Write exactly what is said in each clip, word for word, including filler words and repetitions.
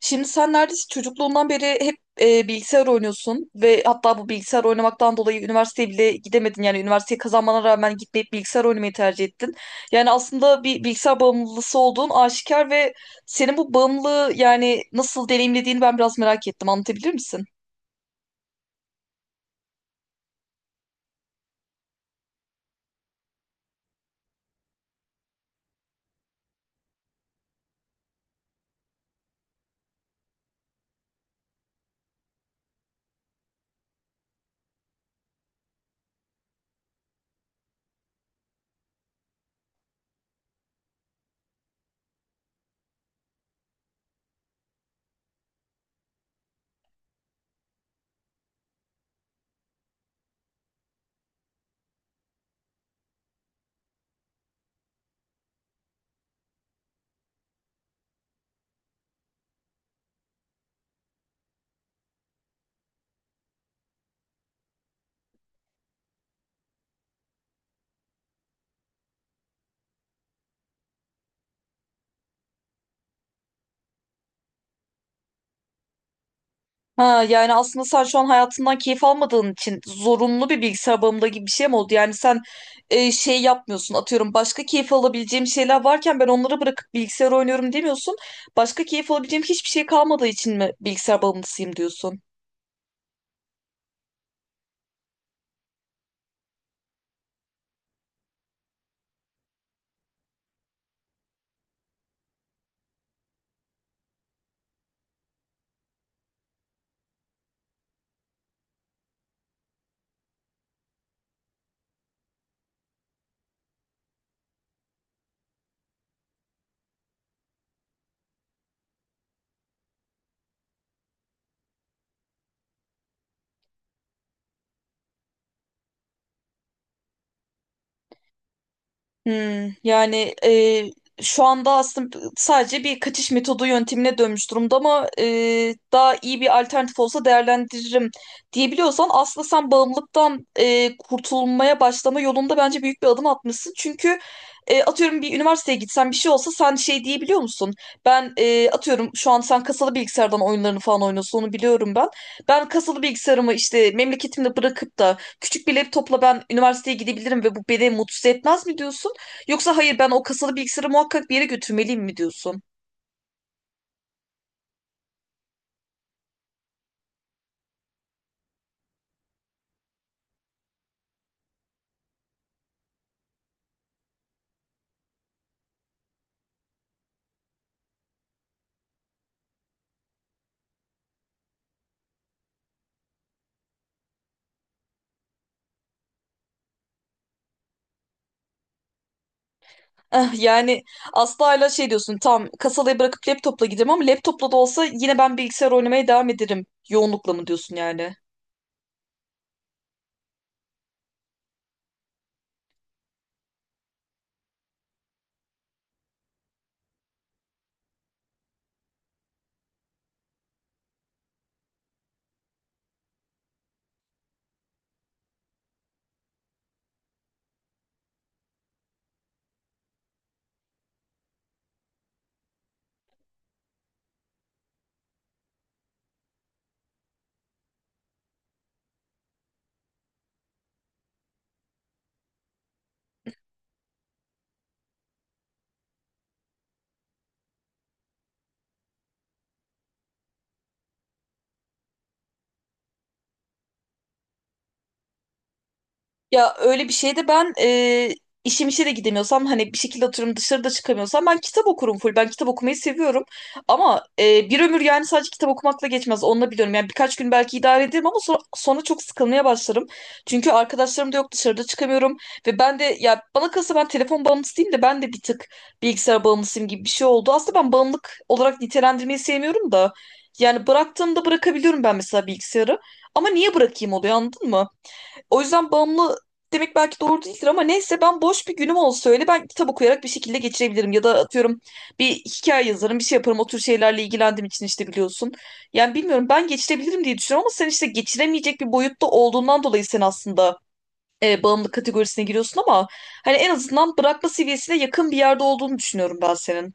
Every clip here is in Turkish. Şimdi sen neredeyse çocukluğundan beri hep e, bilgisayar oynuyorsun ve hatta bu bilgisayar oynamaktan dolayı üniversiteye bile gidemedin. Yani üniversiteyi kazanmana rağmen gitmeyip bilgisayar oynamayı tercih ettin. Yani aslında bir bilgisayar bağımlısı olduğun aşikar ve senin bu bağımlılığı yani nasıl deneyimlediğini ben biraz merak ettim. Anlatabilir misin? Ha, yani aslında sen şu an hayatından keyif almadığın için zorunlu bir bilgisayar bağımlılığı gibi bir şey mi oldu? Yani sen e, şey yapmıyorsun, atıyorum başka keyif alabileceğim şeyler varken ben onları bırakıp bilgisayar oynuyorum demiyorsun. Başka keyif alabileceğim hiçbir şey kalmadığı için mi bilgisayar bağımlısıyım diyorsun? Hmm, yani e, şu anda aslında sadece bir kaçış metodu yöntemine dönmüş durumda ama e, daha iyi bir alternatif olsa değerlendiririm diyebiliyorsan aslında sen bağımlılıktan e, kurtulmaya başlama yolunda bence büyük bir adım atmışsın. Çünkü e, atıyorum bir üniversiteye gitsen bir şey olsa sen şey diyebiliyor musun? Ben e, atıyorum şu an sen kasalı bilgisayardan oyunlarını falan oynuyorsun, onu biliyorum ben. Ben kasalı bilgisayarımı işte memleketimde bırakıp da küçük bir laptopla ben üniversiteye gidebilirim ve bu beni mutsuz etmez mi diyorsun? Yoksa hayır, ben o kasalı bilgisayarı muhakkak bir yere götürmeliyim mi diyorsun? Eh, yani asla hala şey diyorsun, tam kasalayı bırakıp laptopla giderim ama laptopla da olsa yine ben bilgisayar oynamaya devam ederim. Yoğunlukla mı diyorsun yani? Ya öyle bir şeyde ben e, işim işe de gidemiyorsam, hani bir şekilde oturum dışarıda çıkamıyorsam ben kitap okurum full. Ben kitap okumayı seviyorum. Ama e, bir ömür yani sadece kitap okumakla geçmez. Onu da biliyorum. Yani birkaç gün belki idare ederim ama sonra, sonra çok sıkılmaya başlarım. Çünkü arkadaşlarım da yok, dışarıda çıkamıyorum. Ve ben de ya bana kalırsa ben telefon bağımlısıyım da, ben de bir tık bilgisayar bağımlısıyım gibi bir şey oldu. Aslında ben bağımlılık olarak nitelendirmeyi sevmiyorum da. Yani bıraktığımda bırakabiliyorum ben mesela bilgisayarı. Ama niye bırakayım oluyor, anladın mı? O yüzden bağımlı demek belki doğru değildir ama neyse, ben boş bir günüm olsa öyle ben kitap okuyarak bir şekilde geçirebilirim. Ya da atıyorum bir hikaye yazarım, bir şey yaparım. O tür şeylerle ilgilendiğim için işte, biliyorsun. Yani bilmiyorum, ben geçirebilirim diye düşünüyorum ama sen işte geçiremeyecek bir boyutta olduğundan dolayı sen aslında e, bağımlı kategorisine giriyorsun ama hani en azından bırakma seviyesine yakın bir yerde olduğunu düşünüyorum ben senin.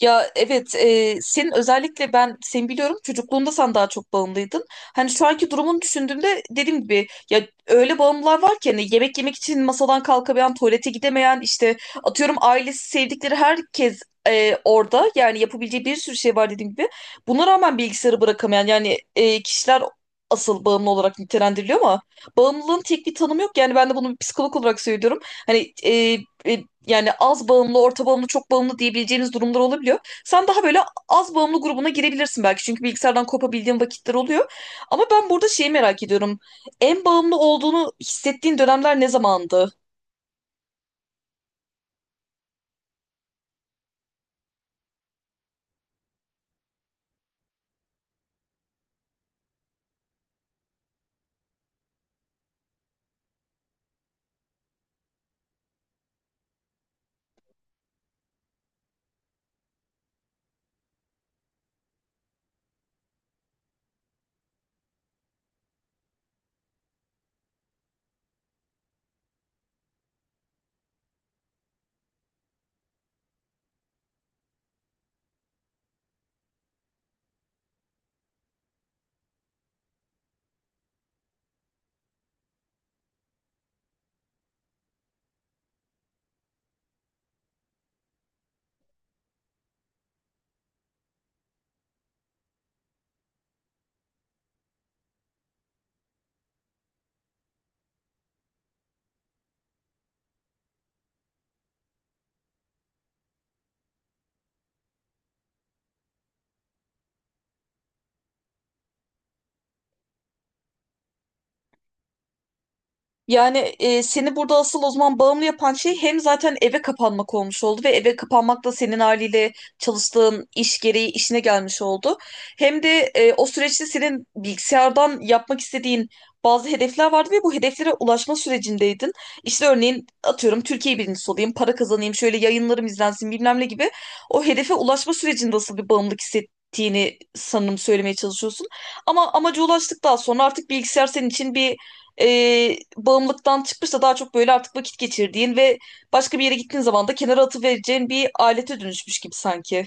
Ya evet, e, senin özellikle ben seni biliyorum, çocukluğunda sen daha çok bağımlıydın. Hani şu anki durumunu düşündüğümde dediğim gibi ya öyle bağımlılar var ki hani yemek yemek için masadan kalkamayan, tuvalete gidemeyen, işte atıyorum ailesi, sevdikleri herkes e, orada, yani yapabileceği bir sürü şey var dediğim gibi. Buna rağmen bilgisayarı bırakamayan yani e, kişiler asıl bağımlı olarak nitelendiriliyor ama bağımlılığın tek bir tanımı yok. Yani ben de bunu bir psikolog olarak söylüyorum. Hani e, e, yani az bağımlı, orta bağımlı, çok bağımlı diyebileceğiniz durumlar olabiliyor. Sen daha böyle az bağımlı grubuna girebilirsin belki. Çünkü bilgisayardan kopabildiğin vakitler oluyor. Ama ben burada şeyi merak ediyorum. En bağımlı olduğunu hissettiğin dönemler ne zamandı? Yani e, seni burada asıl o zaman bağımlı yapan şey hem zaten eve kapanmak olmuş oldu ve eve kapanmak da senin haliyle çalıştığın iş gereği işine gelmiş oldu. Hem de e, o süreçte senin bilgisayardan yapmak istediğin bazı hedefler vardı ve bu hedeflere ulaşma sürecindeydin. İşte örneğin atıyorum Türkiye birincisi olayım, para kazanayım, şöyle yayınlarım izlensin bilmem ne gibi. O hedefe ulaşma sürecinde asıl bir bağımlılık hissettiğini sanırım söylemeye çalışıyorsun. Ama amaca ulaştıktan sonra artık bilgisayar senin için bir e, bağımlılıktan çıkmış, daha çok böyle artık vakit geçirdiğin ve başka bir yere gittiğin zaman da kenara atıvereceğin bir alete dönüşmüş gibi sanki.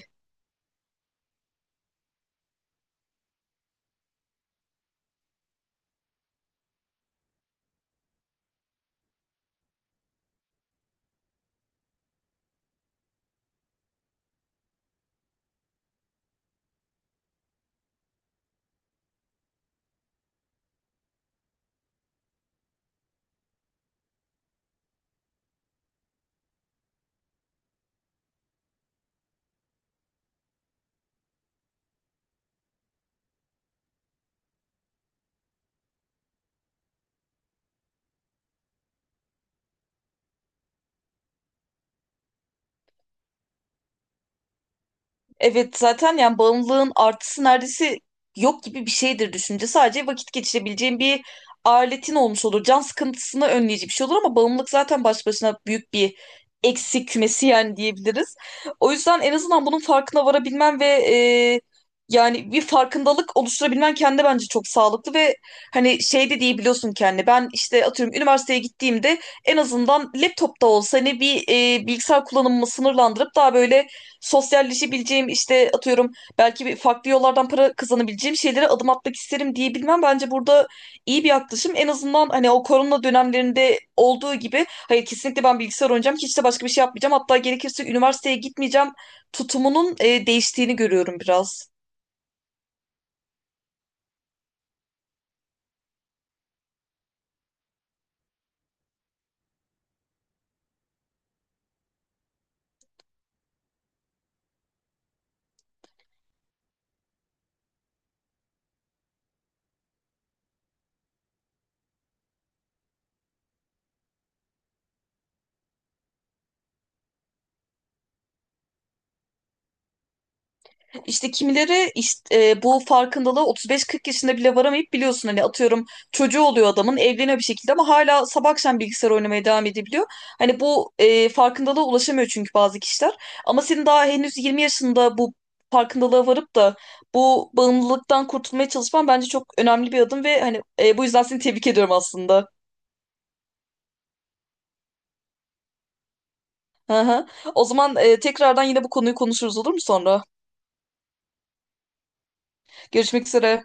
Evet, zaten yani bağımlılığın artısı neredeyse yok gibi bir şeydir, düşünce. Sadece vakit geçirebileceğin bir aletin olmuş olur. Can sıkıntısını önleyici bir şey olur ama bağımlılık zaten baş başına büyük bir eksik kümesi yani, diyebiliriz. O yüzden en azından bunun farkına varabilmen ve e, yani bir farkındalık oluşturabilmen kendi bence çok sağlıklı ve hani şey de diyebiliyorsun kendine. Ben işte atıyorum üniversiteye gittiğimde en azından laptopta olsa hani bir e, bilgisayar kullanımımı sınırlandırıp daha böyle sosyalleşebileceğim, işte atıyorum belki bir farklı yollardan para kazanabileceğim şeylere adım atmak isterim diyebilmem bence burada iyi bir yaklaşım. En azından hani o korona dönemlerinde olduğu gibi hayır, kesinlikle ben bilgisayar oynayacağım, hiç de başka bir şey yapmayacağım, hatta gerekirse üniversiteye gitmeyeceğim tutumunun e, değiştiğini görüyorum biraz. İşte kimileri işte, e, bu farkındalığa otuz beş kırk yaşında bile varamayıp biliyorsun hani, atıyorum çocuğu oluyor adamın, evleniyor bir şekilde ama hala sabah akşam bilgisayar oynamaya devam edebiliyor. Hani bu e, farkındalığa ulaşamıyor çünkü bazı kişiler. Ama senin daha henüz yirmi yaşında bu farkındalığa varıp da bu bağımlılıktan kurtulmaya çalışman bence çok önemli bir adım ve hani e, bu yüzden seni tebrik ediyorum aslında. Hı hı. O zaman e, tekrardan yine bu konuyu konuşuruz, olur mu sonra? Görüşmek üzere.